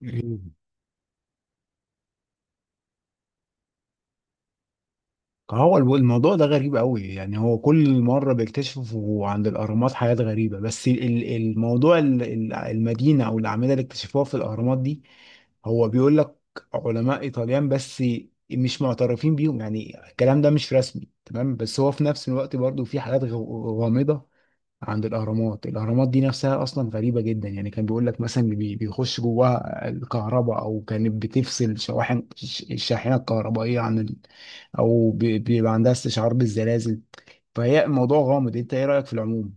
مم. هو الموضوع ده غريب قوي. يعني هو كل مرة بيكتشفوا عند الأهرامات حاجات غريبة، بس الموضوع المدينة أو الأعمدة اللي اكتشفوها في الأهرامات دي، هو بيقول لك علماء إيطاليان بس مش معترفين بيهم، يعني الكلام ده مش رسمي تمام، بس هو في نفس الوقت برضو في حاجات غامضة عند الأهرامات. الأهرامات دي نفسها أصلا غريبة جدا، يعني كان بيقول لك مثلا بيخش جواها الكهرباء، أو كانت بتفصل شواحن الشاحنة الكهربائية عن، او بيبقى عندها استشعار بالزلازل. فهي الموضوع غامض، انت ايه رأيك في العموم؟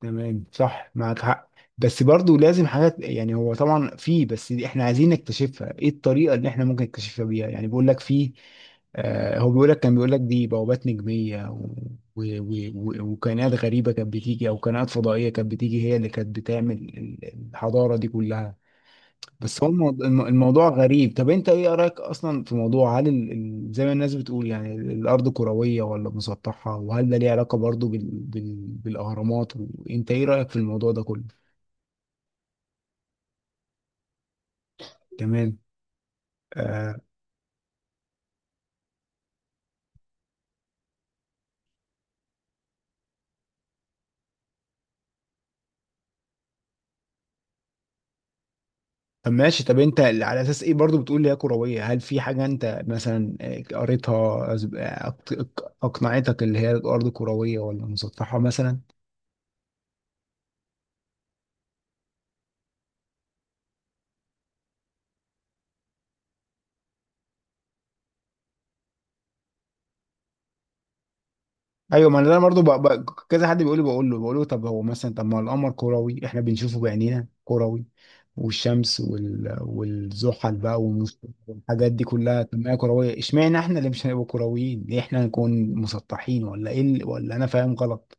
تمام، صح، معك حق. بس برضو لازم حاجات، يعني هو طبعا في، بس دي احنا عايزين نكتشفها. ايه الطريقة اللي احنا ممكن نكتشفها بيها؟ يعني بيقول لك في. آه، هو بيقول لك كان بيقول لك دي بوابات نجمية، وكائنات غريبة كانت بتيجي، او كائنات فضائية كانت بتيجي، هي اللي كانت بتعمل الحضارة دي كلها. بس هو الموضوع غريب. طب انت ايه رايك اصلا في موضوع هل زي ما الناس بتقول، يعني الارض كرويه ولا مسطحه؟ وهل ده ليه علاقه برضو بالاهرامات؟ وانت ايه رايك في الموضوع ده كله؟ تمام. آه... طب ماشي، طب انت على اساس ايه برضو بتقول لي هي كرويه؟ هل في حاجه انت مثلا قريتها، اقنعتك اللي هي الارض كرويه ولا مسطحه مثلا؟ ايوه، ما انا برضه كذا حد بيقول لي، بقول له طب هو مثلا، طب ما القمر كروي احنا بنشوفه بعينينا كروي، والشمس والزحل بقى والحاجات دي كلها، طب ما هي كرويه. اشمعنى احنا اللي مش هنبقى كرويين؟ ليه احنا هنكون مسطحين ولا ايه ولا انا فاهم غلط؟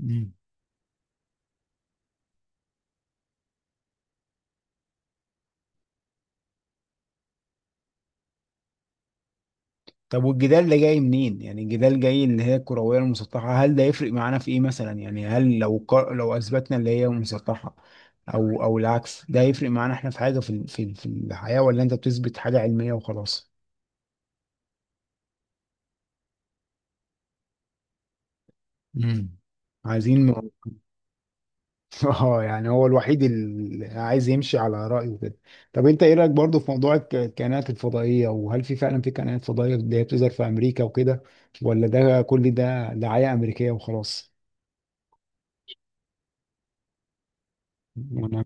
مم. طب والجدال ده جاي منين؟ يعني الجدال جاي اللي هي الكروية المسطحة، هل ده يفرق معانا في ايه مثلا؟ يعني هل لو اثبتنا اللي هي مسطحة، او العكس، ده هيفرق معانا احنا في حاجة في الحياة، ولا انت بتثبت حاجة علمية وخلاص؟ امم عايزين م- اه، يعني هو الوحيد اللي عايز يمشي على رأيه كده. طب انت ايه رأيك برضه في موضوع الكائنات الفضائية؟ وهل في فعلا في كائنات فضائية اللي هي بتظهر في امريكا وكده، ولا ده كل ده دعاية امريكية وخلاص؟ وانا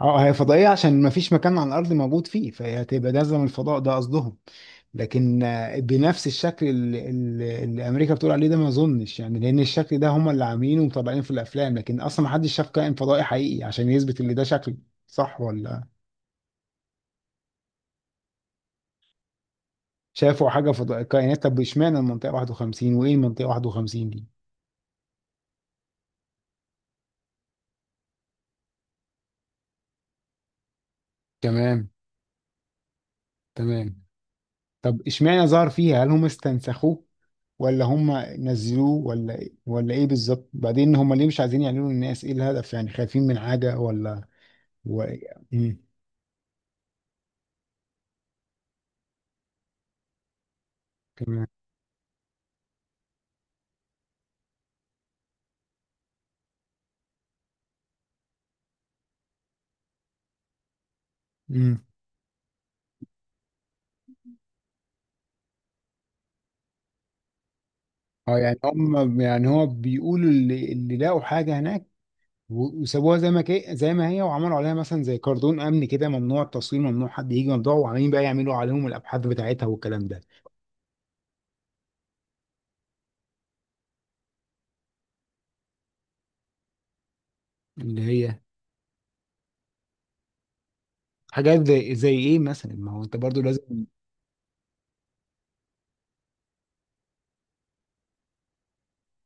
اه، هي فضائية عشان ما فيش مكان على الأرض موجود فيه، فهي هتبقى نازلة من الفضاء، ده قصدهم. لكن بنفس الشكل اللي أمريكا بتقول عليه ده، ما أظنش، يعني لأن الشكل ده هم اللي عاملينه ومطبقينه في الأفلام، لكن أصلا ما حدش شاف كائن فضائي حقيقي عشان يثبت اللي ده شكل. صح ولا؟ شافوا حاجة فضائية، كائنات. طب إشمعنى المنطقة 51، وإيه المنطقة 51 دي؟ تمام. تمام. طب إشمعنى ظهر فيها؟ هل هم استنسخوه ولا هم نزلوه، ولا ايه بالظبط؟ بعدين هم ليه مش عايزين يعلنوا للناس؟ ايه الهدف، يعني خايفين من حاجة ولا... و... مم. تمام. مم. اه، يعني هم يعني هو بيقولوا اللي لقوا حاجة هناك، وسابوها زي ما هي، وعملوا عليها مثلا زي كاردون امن كده، ممنوع التصوير، ممنوع حد يجي، ممنوع، وعمالين بقى يعملوا عليهم الابحاث بتاعتها والكلام ده. اللي هي حاجات زي ايه مثلا؟ ما هو انت برضو لازم.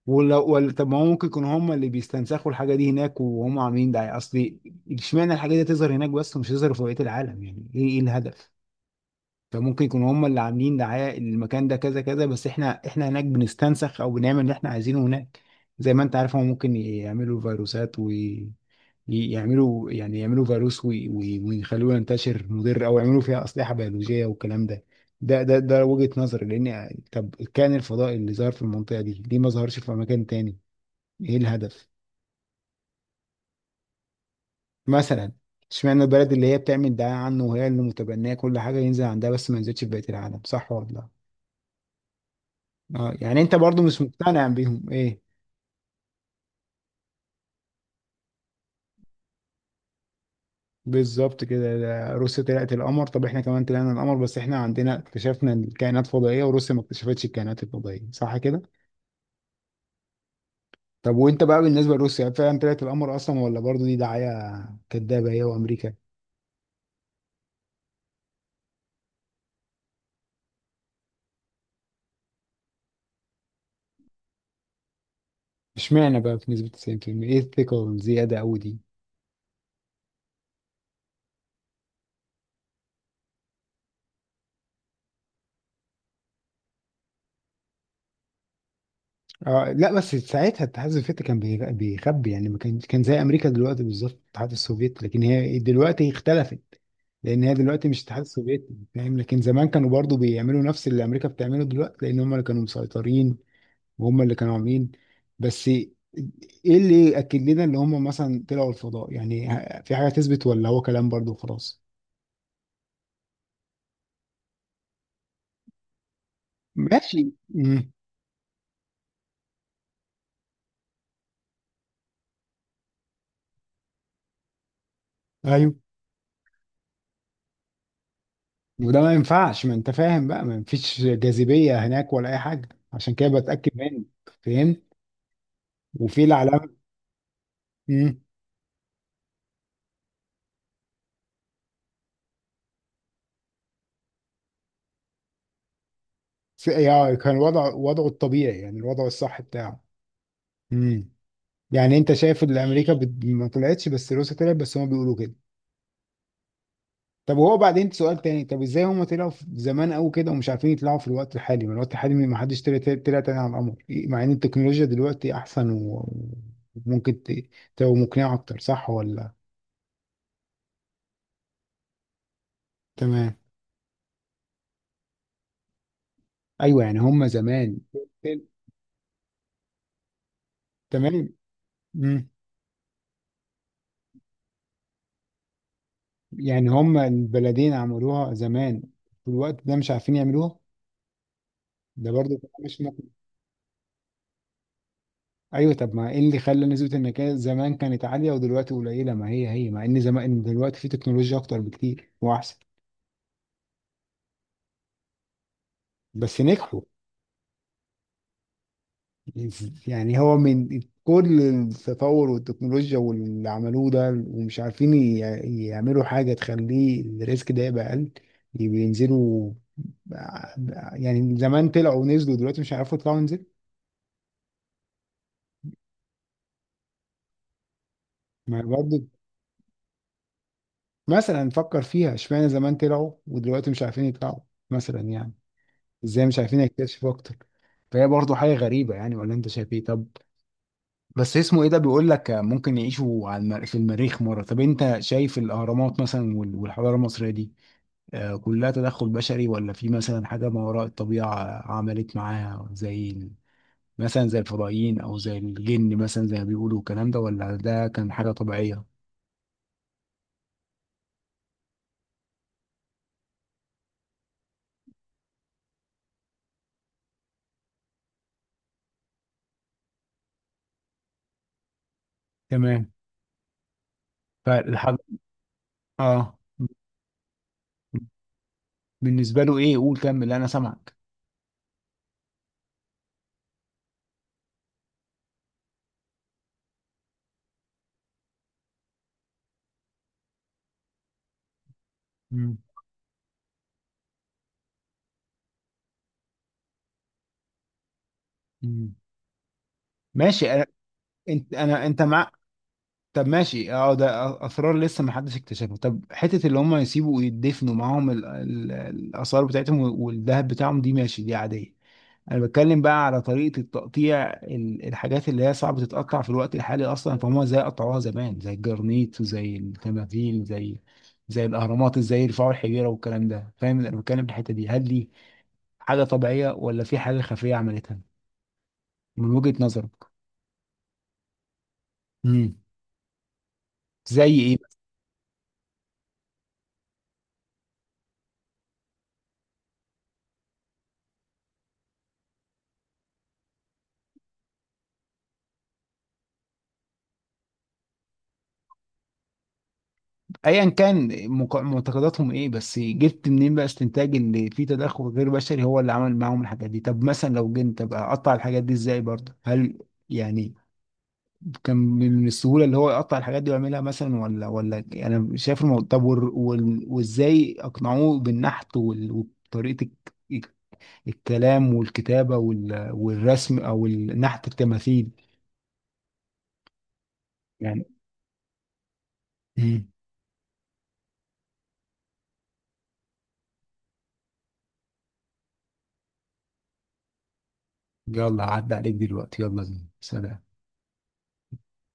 ولا طب ما هو ممكن يكونوا هم اللي بيستنسخوا الحاجه دي هناك، وهم عاملين ده اصل. اشمعنى الحاجه دي تظهر هناك بس ومش تظهر في بقيه العالم؟ يعني ايه، ايه الهدف؟ فممكن يكونوا هم اللي عاملين دعايه المكان ده كذا كذا، بس احنا هناك بنستنسخ او بنعمل اللي احنا عايزينه هناك. زي ما انت عارف، هم ممكن يعملوا فيروسات، ويعملوا يعني يعملوا فيروس ويخلوه ينتشر مضر، او يعملوا فيها اسلحه بيولوجيه والكلام ده. ده ده ده وجهة نظري، لان طب كان الفضاء اللي ظهر في المنطقه دي ليه ما ظهرش في مكان تاني؟ ايه الهدف؟ مثلا اشمعنى البلد اللي هي بتعمل دعاية عنه، وهي اللي متبنية كل حاجة، ينزل عندها بس ما ينزلش في بقية العالم؟ صح ولا لا؟ اه، يعني انت برضو مش مقتنع بيهم، ايه. بالظبط كده. ده روسيا طلعت القمر، طب احنا كمان طلعنا القمر، بس احنا عندنا اكتشفنا الكائنات الفضائية وروسيا ما اكتشفتش الكائنات الفضائية، صح كده؟ طب وانت بقى بالنسبة لروسيا، فعلا طلعت القمر اصلا ولا برضو دي دعاية كدابة هي وامريكا؟ اشمعنى بقى في نسبة 90%؟ ايه الثقة الزيادة قوي دي؟ آه لا، بس ساعتها الاتحاد السوفيتي كان بيخبي، يعني ما كان زي امريكا دلوقتي بالظبط، الاتحاد السوفيتي. لكن هي دلوقتي اختلفت، لان هي دلوقتي مش الاتحاد السوفيتي، فاهم؟ لكن زمان كانوا برضو بيعملوا نفس اللي امريكا بتعمله دلوقتي، لان هم اللي كانوا مسيطرين، وهم اللي كانوا عاملين. بس ايه اللي ياكد لنا ان هم مثلا طلعوا الفضاء؟ يعني في حاجه تثبت ولا هو كلام برضو وخلاص؟ ماشي. ايوه. وده ما ينفعش، ما انت فاهم بقى ما فيش جاذبية هناك ولا اي حاجة، عشان كده بتأكد منك. فاهم. وفي العلامة. امم يعني كان وضع وضعه الطبيعي، يعني الوضع الصح بتاعه. امم يعني انت شايف ان امريكا ما طلعتش، بس روسيا طلعت، بس هما بيقولوا كده. طب وهو بعدين سؤال تاني، طب ازاي هما طلعوا في زمان قوي كده ومش عارفين يطلعوا في الوقت الحالي؟ ما الوقت الحالي ما حدش طلع، تاني على القمر إيه، مع ان التكنولوجيا دلوقتي احسن، وممكن تبقى مقنعة اكتر، صح ولا؟ تمام. ايوه، يعني هم زمان. تمام. مم. يعني هم البلدين عملوها زمان، في الوقت ده مش عارفين يعملوها. ده برضه مش ممكن. ايوه، طب ما ايه اللي خلى نسبة النكاية زمان كانت عالية ودلوقتي قليلة؟ ما هي هي مع ان زمان دلوقتي في تكنولوجيا اكتر بكتير واحسن. بس نجحوا. يعني هو من كل التطور والتكنولوجيا واللي عملوه ده، ومش عارفين يعملوا حاجة تخليه الريسك ده يبقى اقل، يبقى ينزلوا. يعني زمان طلعوا ونزلوا، دلوقتي مش هيعرفوا يطلعوا ينزلوا. ما برضه مثلا نفكر فيها، اشمعنى زمان طلعوا ودلوقتي مش عارفين يطلعوا؟ مثلا يعني ازاي مش عارفين يكتشفوا اكتر؟ فهي برضه حاجة غريبة يعني، ولا انت شايف ايه؟ طب بس اسمه ايه، ده بيقول لك ممكن يعيشوا على في المريخ مرة. طب انت شايف الاهرامات مثلا والحضارة المصرية دي، كلها تدخل بشري، ولا في مثلا حاجة ما وراء الطبيعة عملت معاها، زي مثلا زي الفضائيين او زي الجن، مثلا زي ما بيقولوا الكلام ده، ولا ده كان حاجه طبيعيه؟ تمام، فالحاجه. اه، بالنسبه له ايه؟ قول كمل، انا سامعك. مم. مم. ماشي. انا انت انا انت مع. طب ماشي، اه، ده اسرار لسه ما حدش اكتشفها. طب حته اللي هم يسيبوا ويدفنوا معاهم الاثار بتاعتهم والذهب بتاعهم دي، ماشي، دي عاديه. انا بتكلم بقى على طريقه التقطيع، الحاجات اللي هي صعب تتقطع في الوقت الحالي اصلا، فهم ازاي قطعوها زمان؟ زي الجرانيت وزي التماثيل، زي الاهرامات، ازاي يرفعوا الحجيره والكلام ده، فاهم؟ انا بتكلم في الحته دي، هل دي حاجه طبيعيه ولا في حاجه خفيه عملتها، من وجهه نظرك؟ امم زي ايه؟ ايا كان معتقداتهم ايه، بس جبت منين بقى استنتاج اللي فيه تدخل غير بشري هو اللي عمل معاهم الحاجات دي؟ طب مثلا لو جيت، طب اقطع الحاجات دي ازاي برضه؟ هل يعني كان من السهوله اللي هو يقطع الحاجات دي ويعملها مثلا ولا يعني انا شايف الموضوع. طب وازاي اقنعوه بالنحت وطريقه الك- الكلام والكتابه والرسم او النحت التماثيل، يعني. مم. يلا عدى عليك دلوقتي، يلا بينا، سلام.